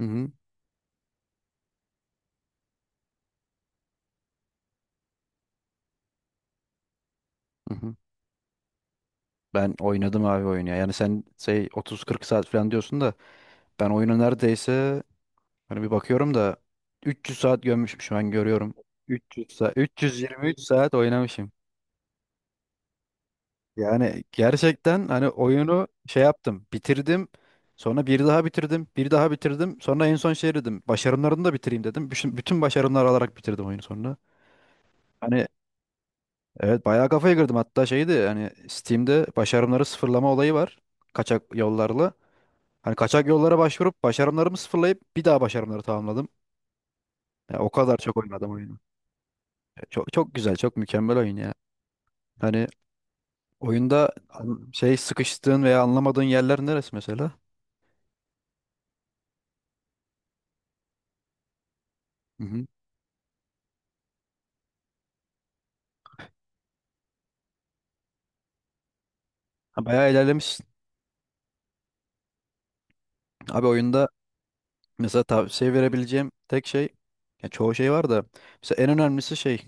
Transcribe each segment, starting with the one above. Hı hı, hı hı. Ben oynadım abi oyunu ya. Yani sen şey 30-40 saat falan diyorsun da ben oyunu neredeyse hani bir bakıyorum da 300 saat gömmüşüm şu an görüyorum. 300 saat 323 saat oynamışım. Yani gerçekten hani oyunu şey yaptım, bitirdim. Sonra bir daha bitirdim, bir daha bitirdim. Sonra en son şey dedim, başarımlarını da bitireyim dedim. Bütün başarımlar alarak bitirdim oyunu sonra. Hani evet bayağı kafaya girdim. Hatta şeydi hani Steam'de başarımları sıfırlama olayı var. Kaçak yollarla. Hani kaçak yollara başvurup başarımlarımı sıfırlayıp bir daha başarımları tamamladım. Ya o kadar çok oynadım oyunu. Ya çok çok güzel, çok mükemmel oyun ya. Hani oyunda şey sıkıştığın veya anlamadığın yerler neresi mesela? Hı hı. Ha, bayağı ilerlemişsin. Abi oyunda mesela tavsiye verebileceğim tek şey ya çoğu şey var da mesela en önemlisi şey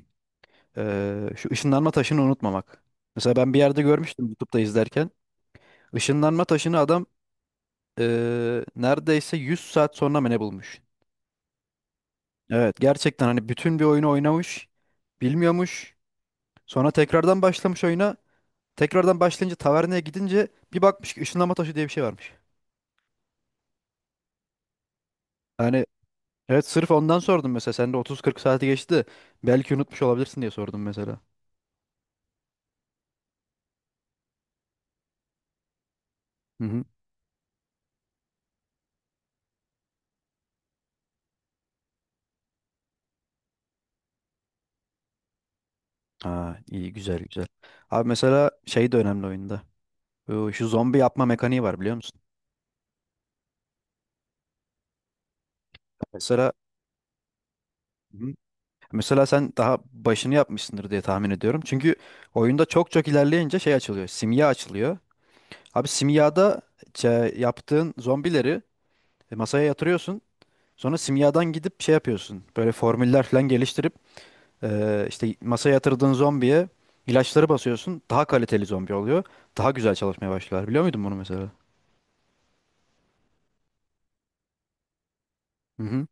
şu ışınlanma taşını unutmamak. Mesela ben bir yerde görmüştüm YouTube'da izlerken. Işınlanma taşını adam neredeyse 100 saat sonra mı ne bulmuş? Evet gerçekten hani bütün bir oyunu oynamış, bilmiyormuş. Sonra tekrardan başlamış oyuna. Tekrardan başlayınca taverneye gidince bir bakmış ki ışınlama taşı diye bir şey varmış. Hani, evet sırf ondan sordum mesela. Sende 30-40 saati geçti. Belki unutmuş olabilirsin diye sordum mesela. Hı hı. Ha, iyi güzel güzel. Abi mesela şey de önemli oyunda. Şu zombi yapma mekaniği var biliyor musun? Mesela, hı hı, mesela sen daha başını yapmışsındır diye tahmin ediyorum. Çünkü oyunda çok çok ilerleyince şey açılıyor. Simya açılıyor. Abi simyada yaptığın zombileri masaya yatırıyorsun. Sonra simyadan gidip şey yapıyorsun. Böyle formüller falan geliştirip işte masaya yatırdığın zombiye ilaçları basıyorsun. Daha kaliteli zombi oluyor. Daha güzel çalışmaya başlıyorlar. Biliyor muydun bunu mesela? Hı hı.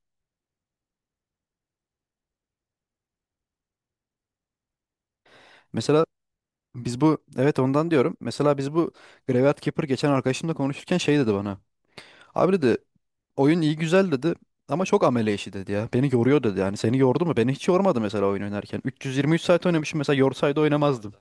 Mesela biz bu evet ondan diyorum. Mesela biz bu Graveyard Keeper geçen arkadaşımla konuşurken şey dedi bana. Abi dedi, oyun iyi güzel dedi, ama çok amele işi dedi ya. Beni yoruyor dedi yani. Seni yordu mu? Beni hiç yormadı mesela oyun oynarken. 323 saat oynamışım mesela yorsaydı oynamazdım.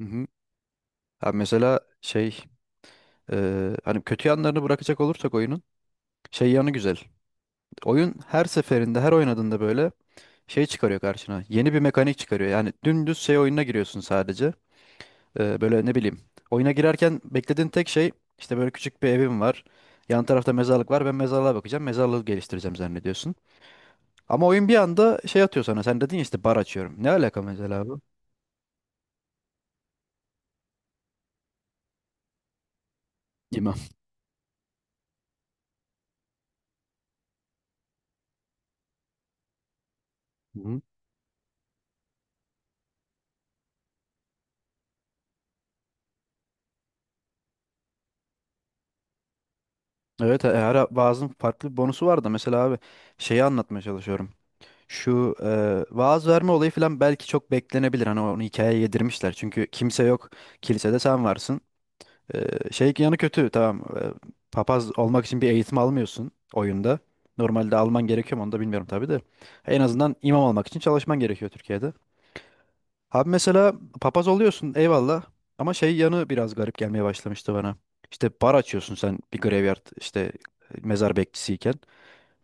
Hı hı. Ha mesela şey, hani kötü yanlarını bırakacak olursak oyunun şey yanı güzel. Oyun her seferinde her oynadığında böyle şey çıkarıyor karşına. Yeni bir mekanik çıkarıyor. Yani dümdüz şey oyununa giriyorsun sadece. Böyle ne bileyim. Oyuna girerken beklediğin tek şey işte böyle küçük bir evim var. Yan tarafta mezarlık var. Ben mezarlığa bakacağım. Mezarlığı geliştireceğim zannediyorsun. Ama oyun bir anda şey atıyor sana. Sen dedin ya işte bar açıyorum. Ne alaka mesela bu? İmam. Hı. Evet, her vaazın farklı bir bonusu var da mesela abi şeyi anlatmaya çalışıyorum. Şu vaaz verme olayı falan belki çok beklenebilir. Hani onu hikayeye yedirmişler. Çünkü kimse yok. Kilisede sen varsın. Şey yanı kötü tamam. Papaz olmak için bir eğitim almıyorsun oyunda. Normalde alman gerekiyor mu onu da bilmiyorum tabii de. En azından imam olmak için çalışman gerekiyor Türkiye'de. Abi mesela papaz oluyorsun eyvallah. Ama şey yanı biraz garip gelmeye başlamıştı bana. İşte bar açıyorsun sen bir graveyard işte mezar bekçisiyken.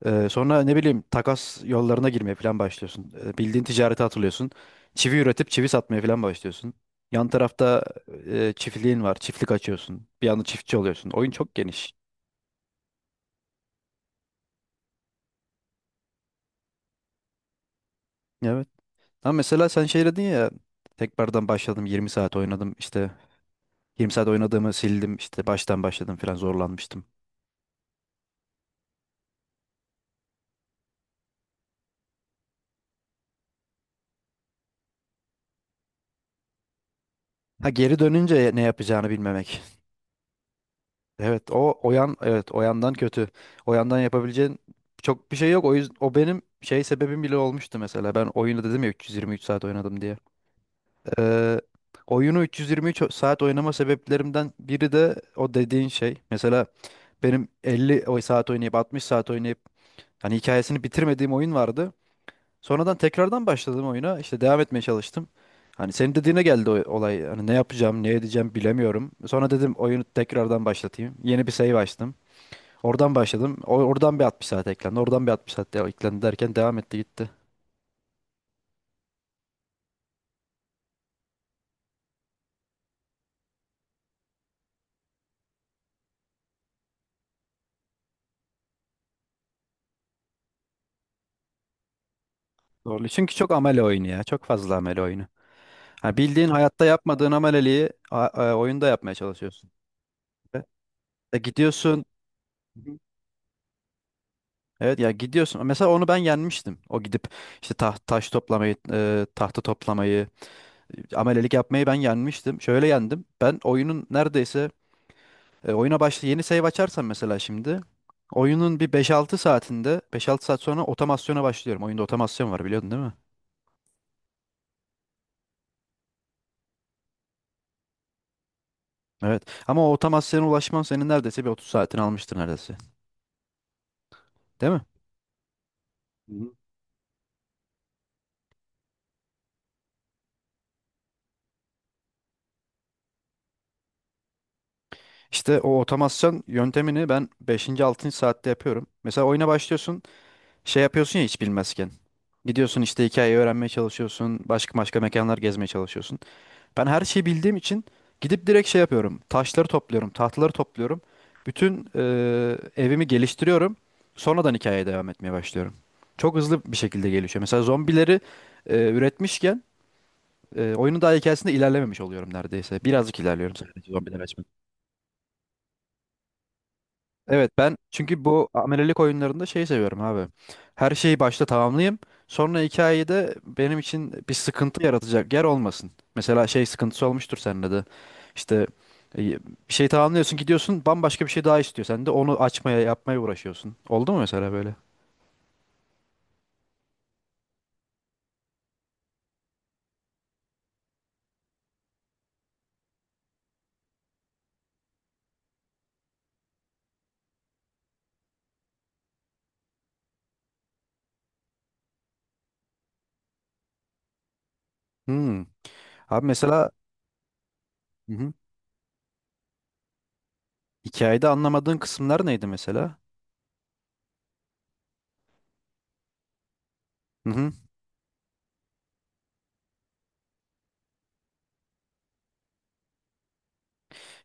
Sonra ne bileyim takas yollarına girmeye falan başlıyorsun. Bildiğin ticarete atılıyorsun. Çivi üretip çivi satmaya falan başlıyorsun. Yan tarafta çiftliğin var. Çiftlik açıyorsun. Bir anda çiftçi oluyorsun. Oyun çok geniş. Evet. Ama mesela sen şey dedin ya, tekrardan başladım 20 saat oynadım işte, 20 saat oynadığımı sildim işte baştan başladım falan zorlanmıştım. Ha, geri dönünce ne yapacağını bilmemek. Evet o yan, evet o yandan kötü. O yandan yapabileceğin çok bir şey yok. O yüzden o benim şey sebebim bile olmuştu mesela. Ben oyunu dedim ya 323 saat oynadım diye. Ee, Oyunu 323 saat oynama sebeplerimden biri de o dediğin şey. Mesela benim 50 saat oynayıp 60 saat oynayıp hani hikayesini bitirmediğim oyun vardı. Sonradan tekrardan başladım oyuna. İşte devam etmeye çalıştım. Hani senin dediğine geldi o olay. Hani ne yapacağım, ne edeceğim bilemiyorum. Sonra dedim oyunu tekrardan başlatayım. Yeni bir save açtım. Oradan başladım. Oradan bir 60 saat eklendi. Oradan bir 60 saat eklendi derken devam etti gitti. Doğru. Çünkü çok amele oyunu ya. Çok fazla amele oyunu. Ha, bildiğin hayatta yapmadığın ameleliği oyunda yapmaya çalışıyorsun. E, Gidiyorsun. Hı hı. Evet ya gidiyorsun. Mesela onu ben yenmiştim. O gidip işte taş toplamayı, tahta toplamayı, amelelik yapmayı ben yenmiştim. Şöyle yendim. Ben oyunun neredeyse, oyuna başla yeni save açarsam mesela şimdi oyunun bir beş altı saatinde beş altı saat sonra otomasyona başlıyorum. Oyunda otomasyon var biliyordun değil mi? Evet. Ama o otomasyona ulaşman senin neredeyse bir 30 saatini almıştır neredeyse. Değil mi? Hı hı. İşte o otomasyon yöntemini ben beşinci 6. saatte yapıyorum. Mesela oyuna başlıyorsun, şey yapıyorsun ya hiç bilmezken. Gidiyorsun işte hikayeyi öğrenmeye çalışıyorsun, başka başka mekanlar gezmeye çalışıyorsun. Ben her şeyi bildiğim için gidip direkt şey yapıyorum. Taşları topluyorum, tahtaları topluyorum. Bütün evimi geliştiriyorum. Sonradan hikayeye devam etmeye başlıyorum. Çok hızlı bir şekilde gelişiyor. Mesela zombileri üretmişken oyunun daha hikayesinde ilerlememiş oluyorum neredeyse. Birazcık ilerliyorum sadece zombiler. Evet ben çünkü bu amelelik oyunlarında şeyi seviyorum abi. Her şeyi başta tamamlayayım. Sonra hikayede benim için bir sıkıntı yaratacak yer olmasın. Mesela şey sıkıntısı olmuştur sende de. İşte e, bir şey tamamlıyorsun gidiyorsun bambaşka bir şey daha istiyor. Sen de onu açmaya yapmaya uğraşıyorsun. Oldu mu mesela böyle? Hmm. Abi mesela, hı hı, hikayede anlamadığın kısımlar neydi mesela? Hı hı.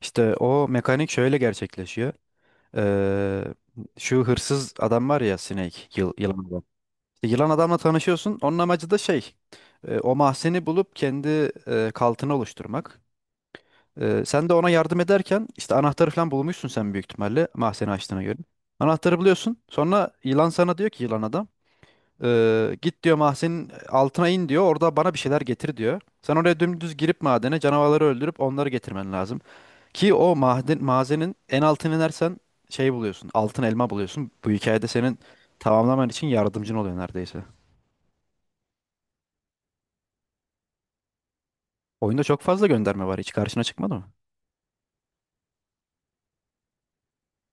İşte o mekanik şöyle gerçekleşiyor. Ee, Şu hırsız adam var ya Snake, yılan. İşte yılan adamla tanışıyorsun. Onun amacı da şey, o mahzeni bulup kendi kaltını oluşturmak. Sen de ona yardım ederken işte anahtarı falan bulmuşsun sen büyük ihtimalle mahzeni açtığına göre. Anahtarı buluyorsun. Sonra yılan sana diyor ki yılan adam, git diyor mahzenin altına in diyor. Orada bana bir şeyler getir diyor. Sen oraya dümdüz girip madene canavarları öldürüp onları getirmen lazım. Ki o maden, mazenin en altına inersen şey buluyorsun. Altın elma buluyorsun. Bu hikayede senin tamamlaman için yardımcın oluyor neredeyse. Oyunda çok fazla gönderme var. Hiç karşına çıkmadı mı?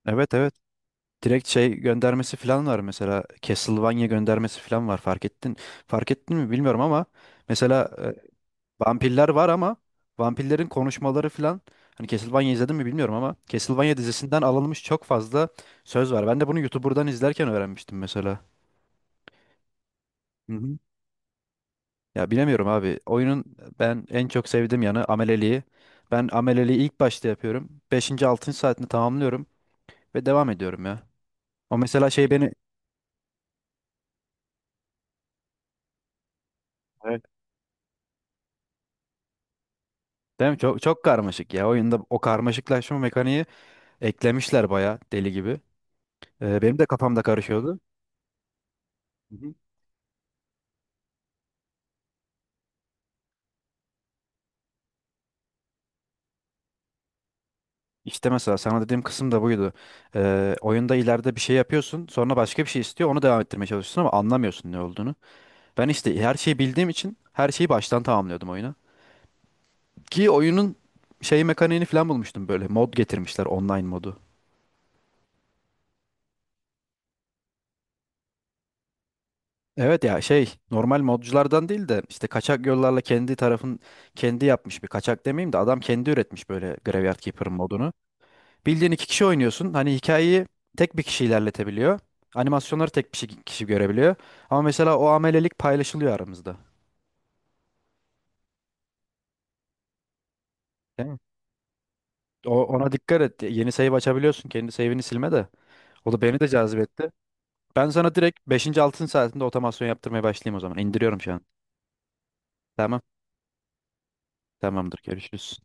Evet, evet. Direkt şey göndermesi falan var mesela. Castlevania göndermesi falan var. Fark ettin. Fark ettin mi bilmiyorum ama mesela vampirler var ama vampirlerin konuşmaları falan hani Castlevania izledin mi bilmiyorum ama Castlevania dizisinden alınmış çok fazla söz var. Ben de bunu YouTuber'dan izlerken öğrenmiştim mesela. Hı hı. Ya bilemiyorum abi. Oyunun ben en çok sevdiğim yanı ameleliği. Ben ameleliği ilk başta yapıyorum. Beşinci altıncı saatini tamamlıyorum ve devam ediyorum ya. O mesela şey beni... Evet. Değil mi? Çok çok karmaşık ya. Oyunda o karmaşıklaşma mekaniği eklemişler bayağı deli gibi. Benim de kafamda karışıyordu. Hı hı. İşte mesela sana dediğim kısım da buydu. Oyunda ileride bir şey yapıyorsun, sonra başka bir şey istiyor, onu devam ettirmeye çalışıyorsun ama anlamıyorsun ne olduğunu. Ben işte her şeyi bildiğim için her şeyi baştan tamamlıyordum oyuna. Ki oyunun şey mekaniğini falan bulmuştum böyle. Mod getirmişler, online modu. Evet ya şey normal modculardan değil de işte kaçak yollarla kendi tarafın kendi yapmış bir kaçak demeyeyim de adam kendi üretmiş böyle Graveyard Keeper modunu. Bildiğin iki kişi oynuyorsun. Hani hikayeyi tek bir kişi ilerletebiliyor. Animasyonları tek bir kişi görebiliyor. Ama mesela o amelelik paylaşılıyor aramızda. Değil mi? Ona dikkat et. Yeni save açabiliyorsun. Kendi save'ini silme de. O da beni de cazibetti. Ben sana direkt beşinci 6. saatinde otomasyon yaptırmaya başlayayım o zaman. İndiriyorum şu an. Tamam. Tamamdır. Görüşürüz.